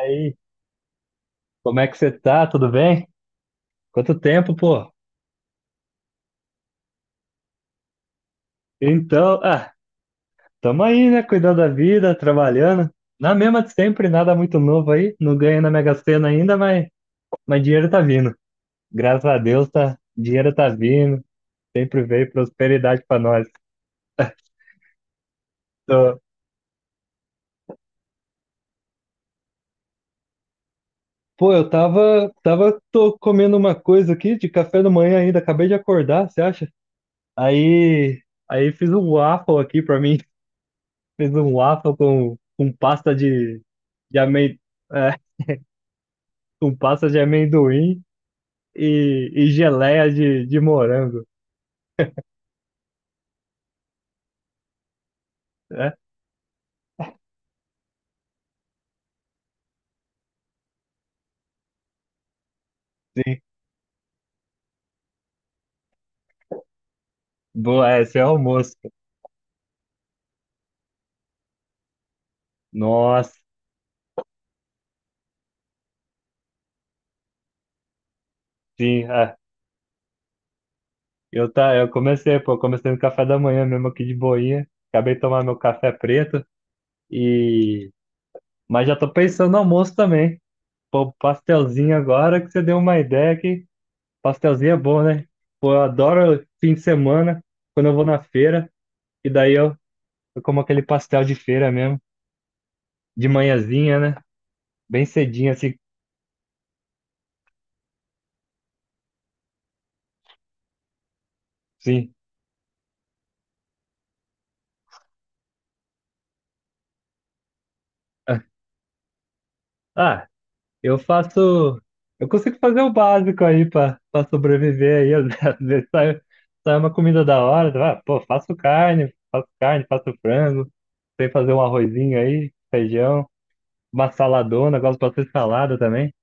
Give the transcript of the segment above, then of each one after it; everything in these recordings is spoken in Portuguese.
Aí, como é que você tá? Tudo bem? Quanto tempo, pô? Então, tamo aí, né? Cuidando da vida, trabalhando. Na mesma de sempre, nada muito novo aí. Não ganho na Mega Sena ainda, mas dinheiro tá vindo. Graças a Deus, tá. Dinheiro tá vindo. Sempre veio prosperidade pra nós. Tô- Pô, eu tô comendo uma coisa aqui de café da manhã ainda. Acabei de acordar, você acha? Aí, aí fiz um waffle aqui pra mim. Fiz um waffle com pasta de amendoim. Com pasta de amendoim e geleia de morango, né? Sim, boa, é, esse é o almoço. Nossa, sim, é. Eu, tá, eu comecei, pô, comecei no café da manhã mesmo aqui de boinha, acabei de tomar meu café preto e... Mas já tô pensando no almoço também. Pô, pastelzinho agora que você deu uma ideia que pastelzinho é bom, né? Pô, eu adoro fim de semana, quando eu vou na feira, e eu como aquele pastel de feira mesmo, de manhãzinha, né? Bem cedinho, assim, sim. Ah, ah, eu faço. Eu consigo fazer o básico aí pra pra sobreviver aí. Às às vezes sai, sai uma comida da hora. Ah, pô, faço carne, faço carne, faço frango. Sei fazer um arrozinho aí, feijão, uma saladona. Gosto bastante de salada também.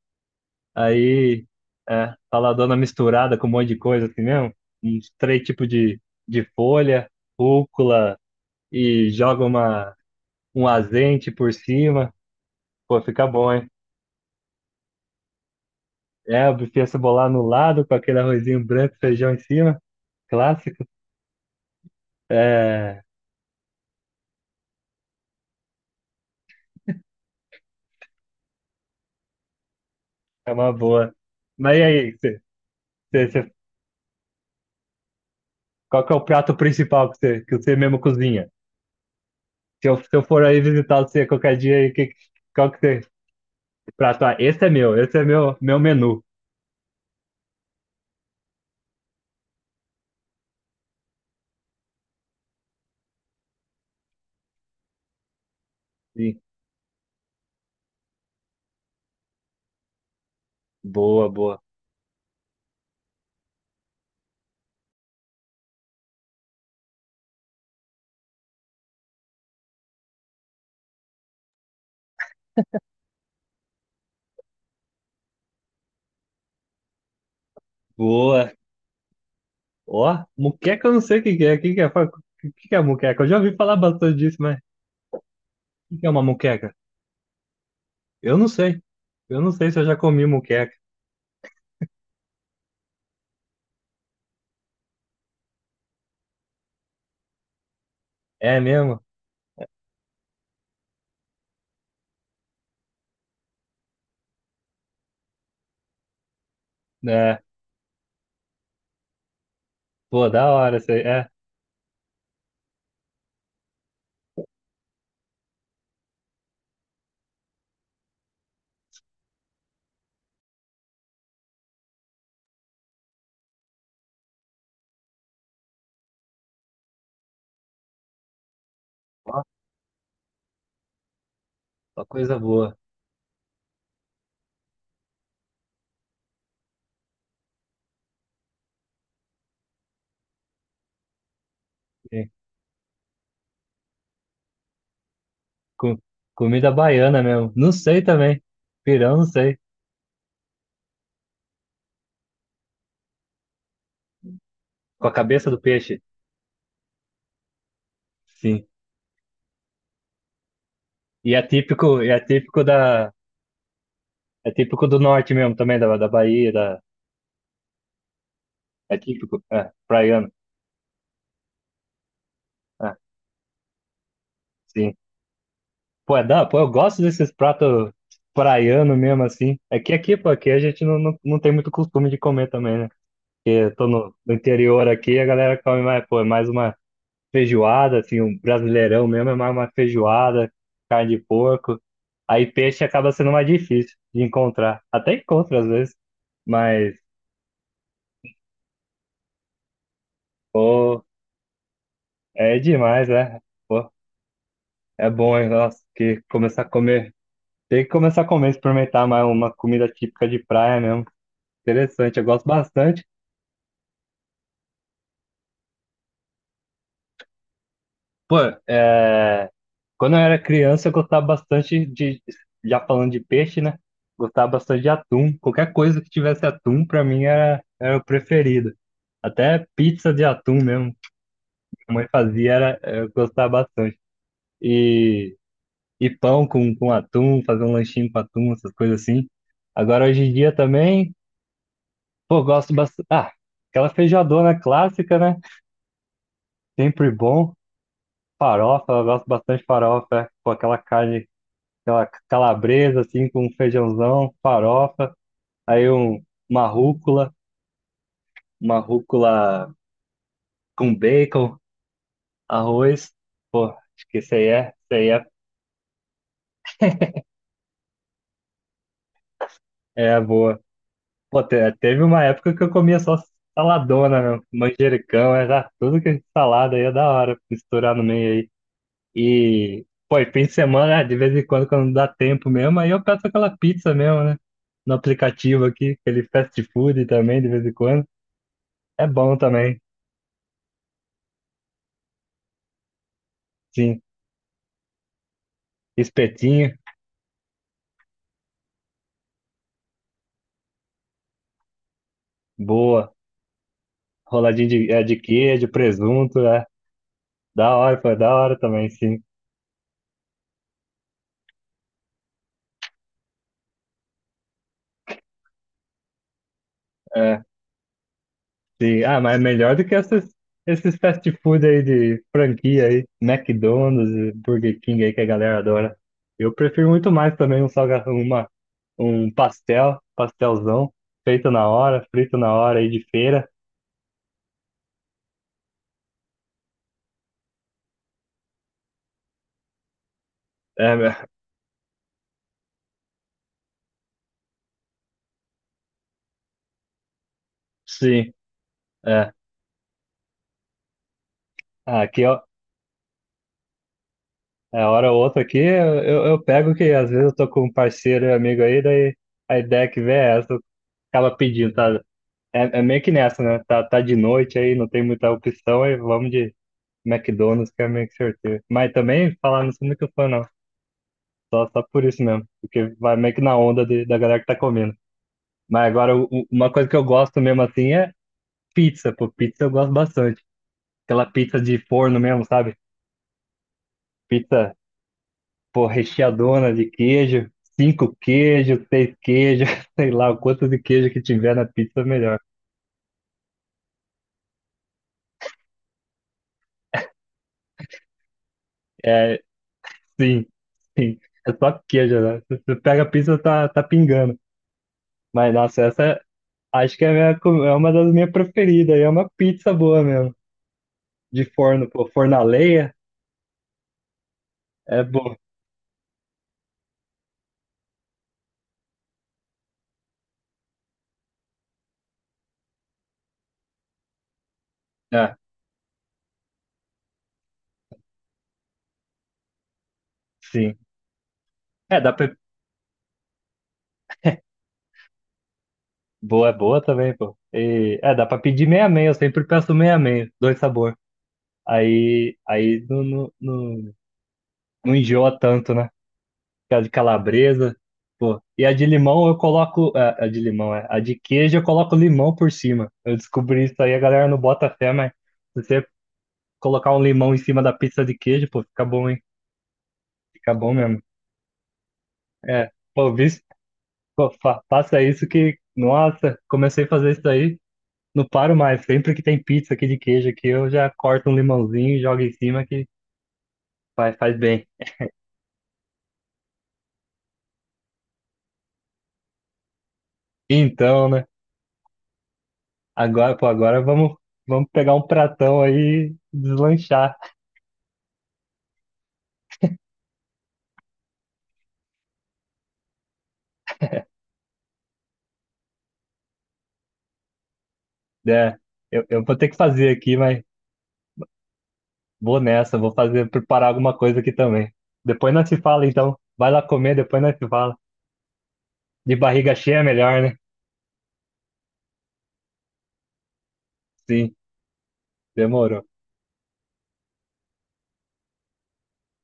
Aí, é, saladona misturada com um monte de coisa assim mesmo. Uns três tipos de folha, rúcula e um azente por cima. Pô, fica bom, hein? É, o bife cebolar no lado, com aquele arrozinho branco, feijão em cima, clássico. É, é uma boa. Mas e aí, você, você- qual que é o prato principal que você mesmo cozinha? Se eu for aí visitar você qualquer dia, aí, que, qual que você, prato? Ah, meu menu. Sim, boa, boa, boa. Ó, muqueca eu não sei o que que é, o que que é, fala, o que que é muqueca? Eu já ouvi falar bastante disso, mas o que que é uma muqueca? Eu não sei, eu não sei se eu já comi muqueca. É mesmo? É. Pô, da hora isso aí. É, ó, ó coisa boa. Sim. Com, comida baiana mesmo. Não sei também. Pirão, não sei. Com a cabeça do peixe. Sim. E é típico da. É típico do norte mesmo também, da Bahia. Da, é típico. É, praiano. É, sim. Pô, eu gosto desses pratos praiano mesmo, assim. É que aqui, pô, aqui a gente não tem muito costume de comer também, né? Porque eu tô no interior aqui, a galera come mais, pô, é mais uma. Feijoada, assim, um brasileirão mesmo é mais uma feijoada, carne de porco. Aí peixe acaba sendo mais difícil de encontrar. Até encontro às vezes, mas, pô, é demais, né? Pô, é bom, hein? Nossa, que começar a comer. Tem que começar a comer, experimentar mais uma comida típica de praia mesmo. Interessante, eu gosto bastante. Pô, é. Quando eu era criança, eu gostava bastante de, já falando de peixe, né? Gostava bastante de atum. Qualquer coisa que tivesse atum, pra mim era o preferido. Até pizza de atum mesmo, que a mãe fazia, era, eu gostava bastante. E, e pão com atum, fazer um lanchinho com atum, essas coisas assim. Agora, hoje em dia também, pô, gosto bastante. Ah, aquela feijoadona clássica, né? Sempre bom. Farofa, eu gosto bastante de farofa, é, com aquela carne aquela calabresa, assim, com um feijãozão, farofa, aí um, uma rúcula, uma rúcula com bacon, arroz. Pô, acho que isso aí é, é boa. Pô, teve uma época que eu comia só saladona, meu, manjericão, era tudo que é salada aí é da hora, misturar no meio aí. E, pô, e fim de semana, né, de vez em quando, quando dá tempo mesmo, aí eu peço aquela pizza mesmo, né? No aplicativo aqui, aquele fast food também, de vez em quando. É bom também, sim. Espetinho, boa. Roladinha de, é, de queijo, presunto, é. Da hora, foi da hora também, sim. É, sim. Ah, mas é melhor do que esses fast food aí de franquia aí, McDonald's, e Burger King aí que a galera adora. Eu prefiro muito mais também um salgado, uma, um pastel, pastelzão, feito na hora, frito na hora aí de feira. É, sim, é. Ah, aqui, ó, é, hora ou outra aqui, eu pego que às vezes eu tô com um parceiro e amigo aí, daí a ideia que vem é essa, acaba pedindo, tá? É, é meio que nessa, né? Tá de noite aí, não tem muita opção, aí vamos de McDonald's, que é meio que sorteio. Mas também, falar, não sou muito fã, não. Só por isso mesmo, porque vai meio que na da galera que tá comendo. Mas agora, uma coisa que eu gosto mesmo assim é pizza, pô, pizza eu gosto bastante. Aquela pizza de forno mesmo, sabe? Pizza pô, recheadona de queijo, cinco queijos, seis queijos, sei lá, o quanto de queijo que tiver na pizza, melhor. É, sim, sim. É só queijo, né? Se você pega a pizza, tá pingando. Mas, nossa, acho que é, a é uma das minhas preferidas. E É uma pizza boa mesmo. De forno, pô. Forno a lenha é bom. É, sim. É, dá pra. Boa, é boa também, pô. E, é, dá pra pedir meia-meia. Eu sempre peço meia-meia, dois sabores. Aí, aí não, não, não, não enjoa tanto, né? Que é a de calabresa. Pô, e a de limão eu coloco. A de limão, é. A de queijo eu coloco limão por cima. Eu descobri isso aí, a galera não bota fé, mas se você colocar um limão em cima da pizza de queijo, pô, fica bom, hein? Fica bom mesmo. É, pô, visto, pô, faça isso que. Nossa, comecei a fazer isso aí, não paro mais. Sempre que tem pizza aqui de queijo aqui, eu já corto um limãozinho e jogo em cima que faz, faz bem. Então, né? Agora, pô, vamos pegar um pratão aí e deslanchar. É, eu vou ter que fazer aqui, mas vou nessa, vou fazer, preparar alguma coisa aqui também. Depois nós se fala, então. Vai lá comer, depois nós se fala. De barriga cheia é melhor, né? Sim, demorou.